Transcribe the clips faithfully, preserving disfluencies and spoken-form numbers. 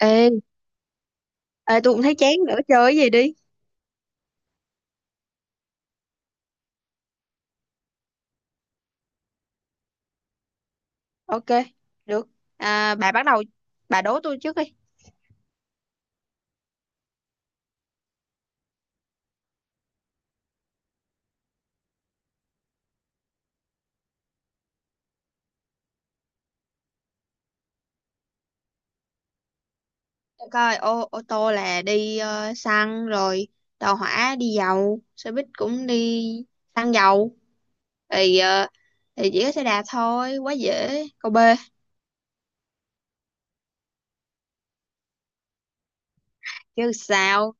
Ê, ê tôi cũng thấy chán nữa, chơi cái gì đi. Ok, được. À, bà bắt đầu, bà đố tôi trước đi. Để coi, ô ô tô là đi ờ, xăng rồi, tàu hỏa đi dầu, xe buýt cũng đi xăng dầu, thì ờ, thì chỉ có xe đạp thôi, quá dễ, câu B chứ sao.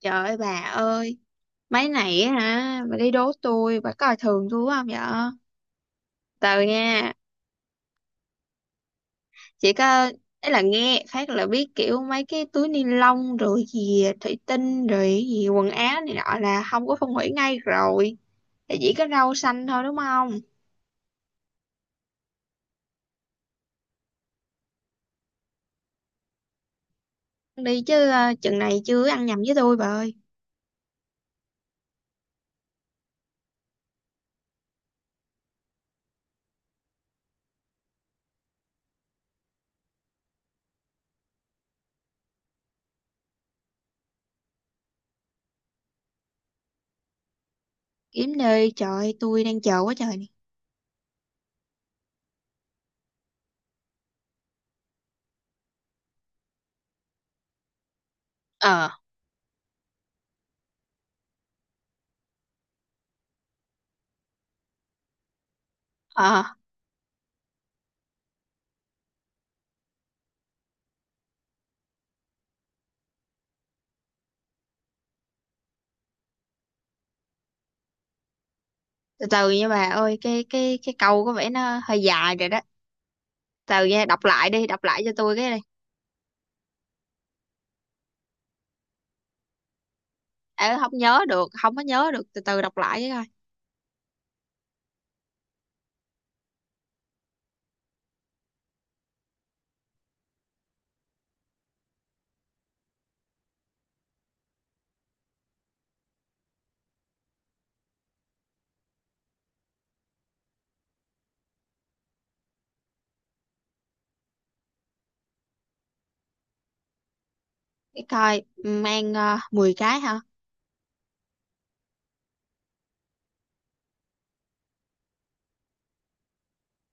Trời ơi bà ơi, mấy này á hả, bà đi đố tôi, bà coi thường tôi quá không vậy, từ nha. Chỉ có, ấy là nghe phát là biết kiểu mấy cái túi ni lông rồi gì thủy tinh rồi gì quần áo này nọ là không có phân hủy ngay rồi, thì chỉ có rau xanh thôi đúng không. Đi chứ, ờ, chừng này chưa ăn nhầm với tôi bà ơi. Kiếm đi trời ơi, tôi đang chờ quá trời nè. Ờ. Ờ, từ từ nha bà ơi, cái cái cái câu có vẻ nó hơi dài rồi đó, từ nha, đọc lại đi, đọc lại cho tôi cái này. Ờ, không nhớ được, không có nhớ được, từ từ đọc lại với coi. Cái coi, mang uh, mười cái hả?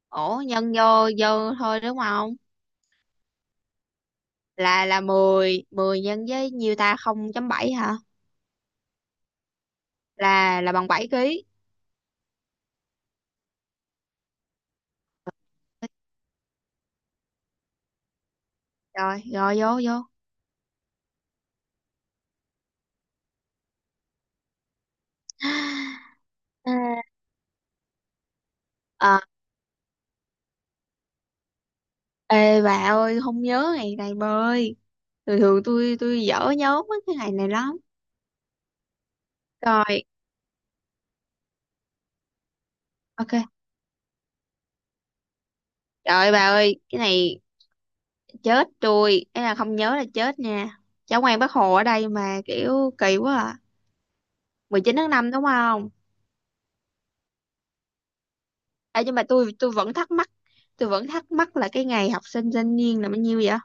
Ủa nhân vô vô thôi đúng không? Là là mười mười nhân với nhiêu ta, không chấm bảy hả? Là là bằng bảy ký. Rồi rồi, vô vô. À. Ờ, ê bà ơi không nhớ ngày này bà ơi, thường thường tôi tôi dở nhớ mấy cái ngày này lắm. Rồi, ok. Trời ơi bà ơi, cái này chết tôi, ấy là không nhớ là chết nha, cháu ngoan bác Hồ ở đây mà kiểu kỳ quá à. Mười chín tháng năm đúng không. À, nhưng mà tôi tôi vẫn thắc mắc, tôi vẫn thắc mắc là cái ngày học sinh thanh niên là bao nhiêu vậy.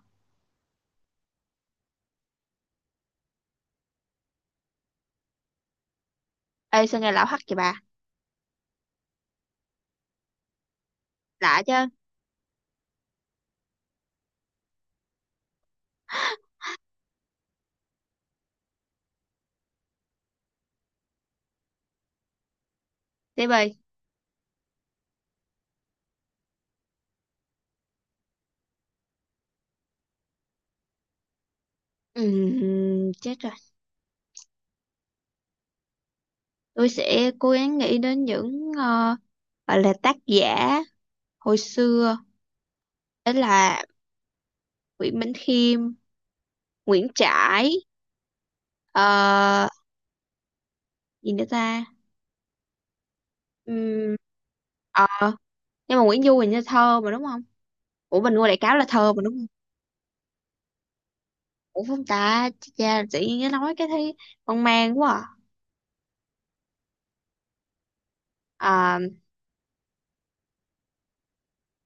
Ê sao nghe lão hắc vậy bà, lạ chứ. Tiếp ơi. Ừm, chết rồi. Tôi sẽ cố gắng nghĩ đến những ờ, gọi là tác giả hồi xưa. Đó là Nguyễn Bỉnh Khiêm, Nguyễn Trãi, ờ, gì nữa ta. Ừm, ờ, nhưng mà Nguyễn Du hình như thơ mà đúng không. Ủa, Bình Ngô Đại Cáo là thơ mà đúng không? Ủa không ta, cha tự nhiên nó nói cái thấy hoang mang quá. À, à,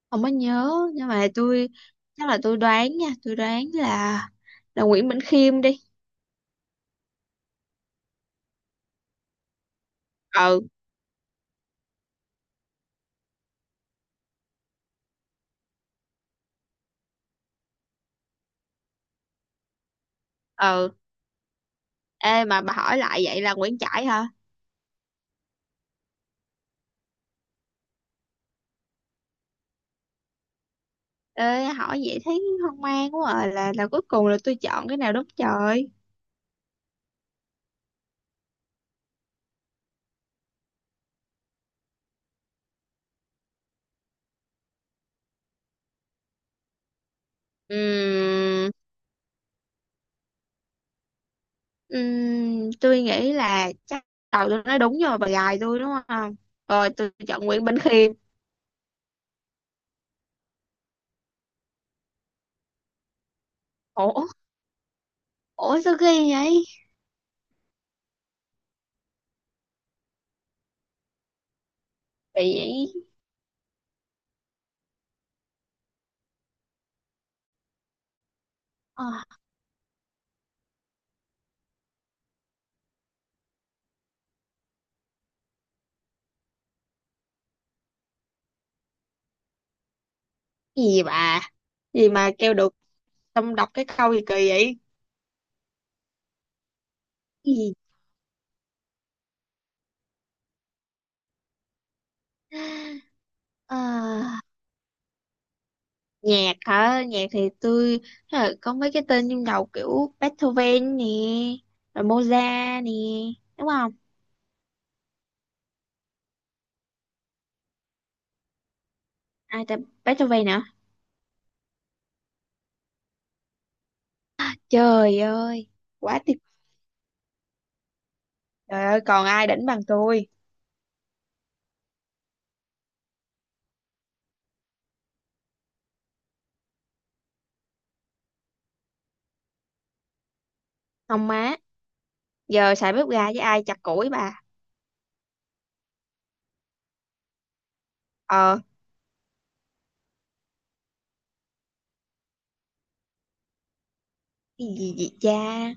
không có nhớ, nhưng mà tôi chắc là tôi đoán nha, tôi đoán là là Nguyễn Bỉnh Khiêm đi. Ừ. Ừ, ê mà bà hỏi lại vậy là Nguyễn Trãi hả? Ê hỏi vậy thấy hoang mang quá à, là là cuối cùng là tôi chọn cái nào đúng trời. Ừm, ừm, tôi nghĩ là chắc đầu tôi nói đúng rồi, bà gài tôi đúng không. Rồi tôi chọn Nguyễn Bỉnh Khiêm. Ủa, ủa sao ghê vậy, bị vậy. Ờ, gì vậy bà, gì mà kêu được, xong đọc cái câu gì kỳ vậy, gì. À, nhạc hả, nhạc thì tôi, thế là có mấy cái tên trong đầu kiểu Beethoven nè, rồi Mozart nè, đúng không. Ai ta, Beethoven nữa. Trời ơi quá tuyệt, trời ơi còn ai đỉnh bằng tôi. Không má, giờ xài bếp ga với ai chặt củi bà. Ờ. Cái gì vậy cha,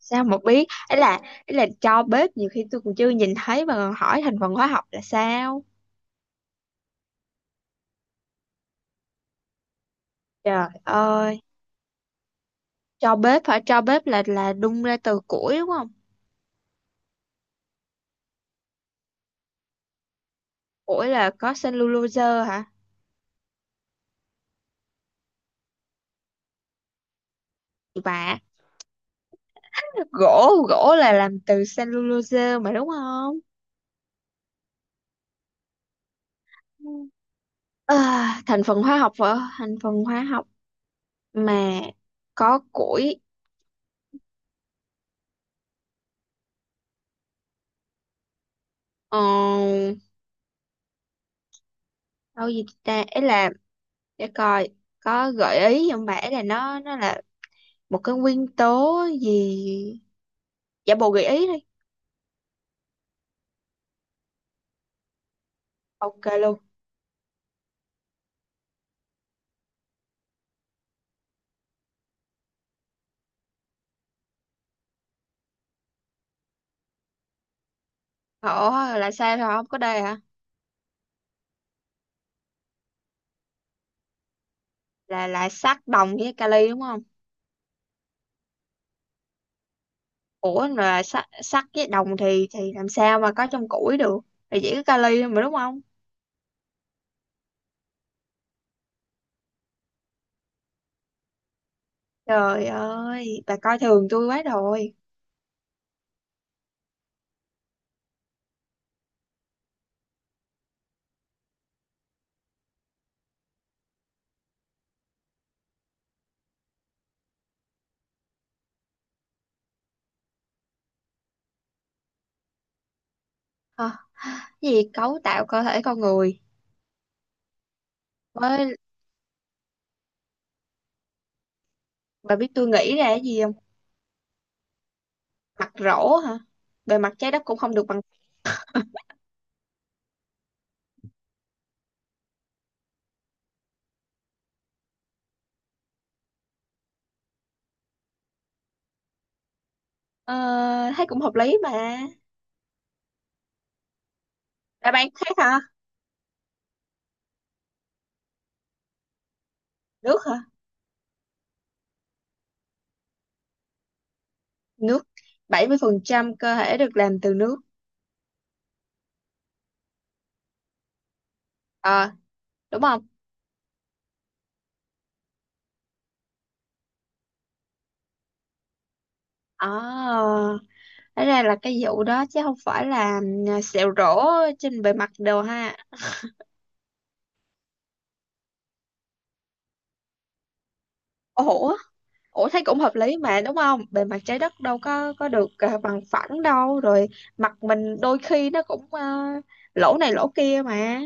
sao mà biết, ấy là, ấy là cho bếp nhiều khi tôi còn chưa nhìn thấy mà còn hỏi thành phần hóa học là sao. Trời ơi, cho bếp hả, cho bếp là là đun ra từ củi đúng không. Ủa là có cellulose hả? Vả, gỗ, gỗ là làm từ cellulose mà đúng không? Ừ. À, thành phần hóa học vợ, thành phần hóa học mà có củi. Ờ, đâu gì ta, ấy là để coi, có gợi ý không bà, ấy là nó nó là một cái nguyên tố gì, giả bộ gợi ý đi. Ok luôn. Ủa là sao, rồi không có đây hả? là là sắt đồng với kali đúng không? Ủa mà sắt sắt với đồng thì thì làm sao mà có trong củi được, thì chỉ có kali thôi mà đúng không. Trời ơi bà coi thường tôi quá rồi. Hả, cái gì, cấu tạo cơ thể con người với, bà biết tôi nghĩ ra cái gì không? Mặt rỗ hả, bề mặt trái đất cũng không được bằng. Ờ, thấy cũng hợp lý mà. Bà bạn khác hả? Nước hả? Nước, bảy mươi phần trăm cơ thể được làm từ nước. Ờ, đúng không. Ờ, thế ra là cái vụ đó chứ không phải là, ừ, sẹo rỗ trên bề mặt đồ ha. Ủa, ủa thấy cũng hợp lý mà đúng không, bề mặt trái đất đâu có có được à, bằng phẳng đâu, rồi mặt mình đôi khi nó cũng à, lỗ này lỗ kia mà.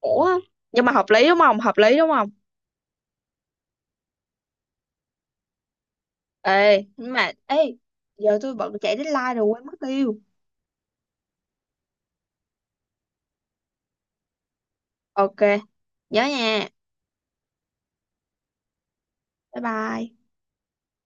Ủa nhưng mà hợp lý đúng không, hợp lý đúng không. Ê nhưng mà ê, giờ tôi bận chạy deadline rồi quên mất tiêu. Ok, nhớ nha. Bye bye.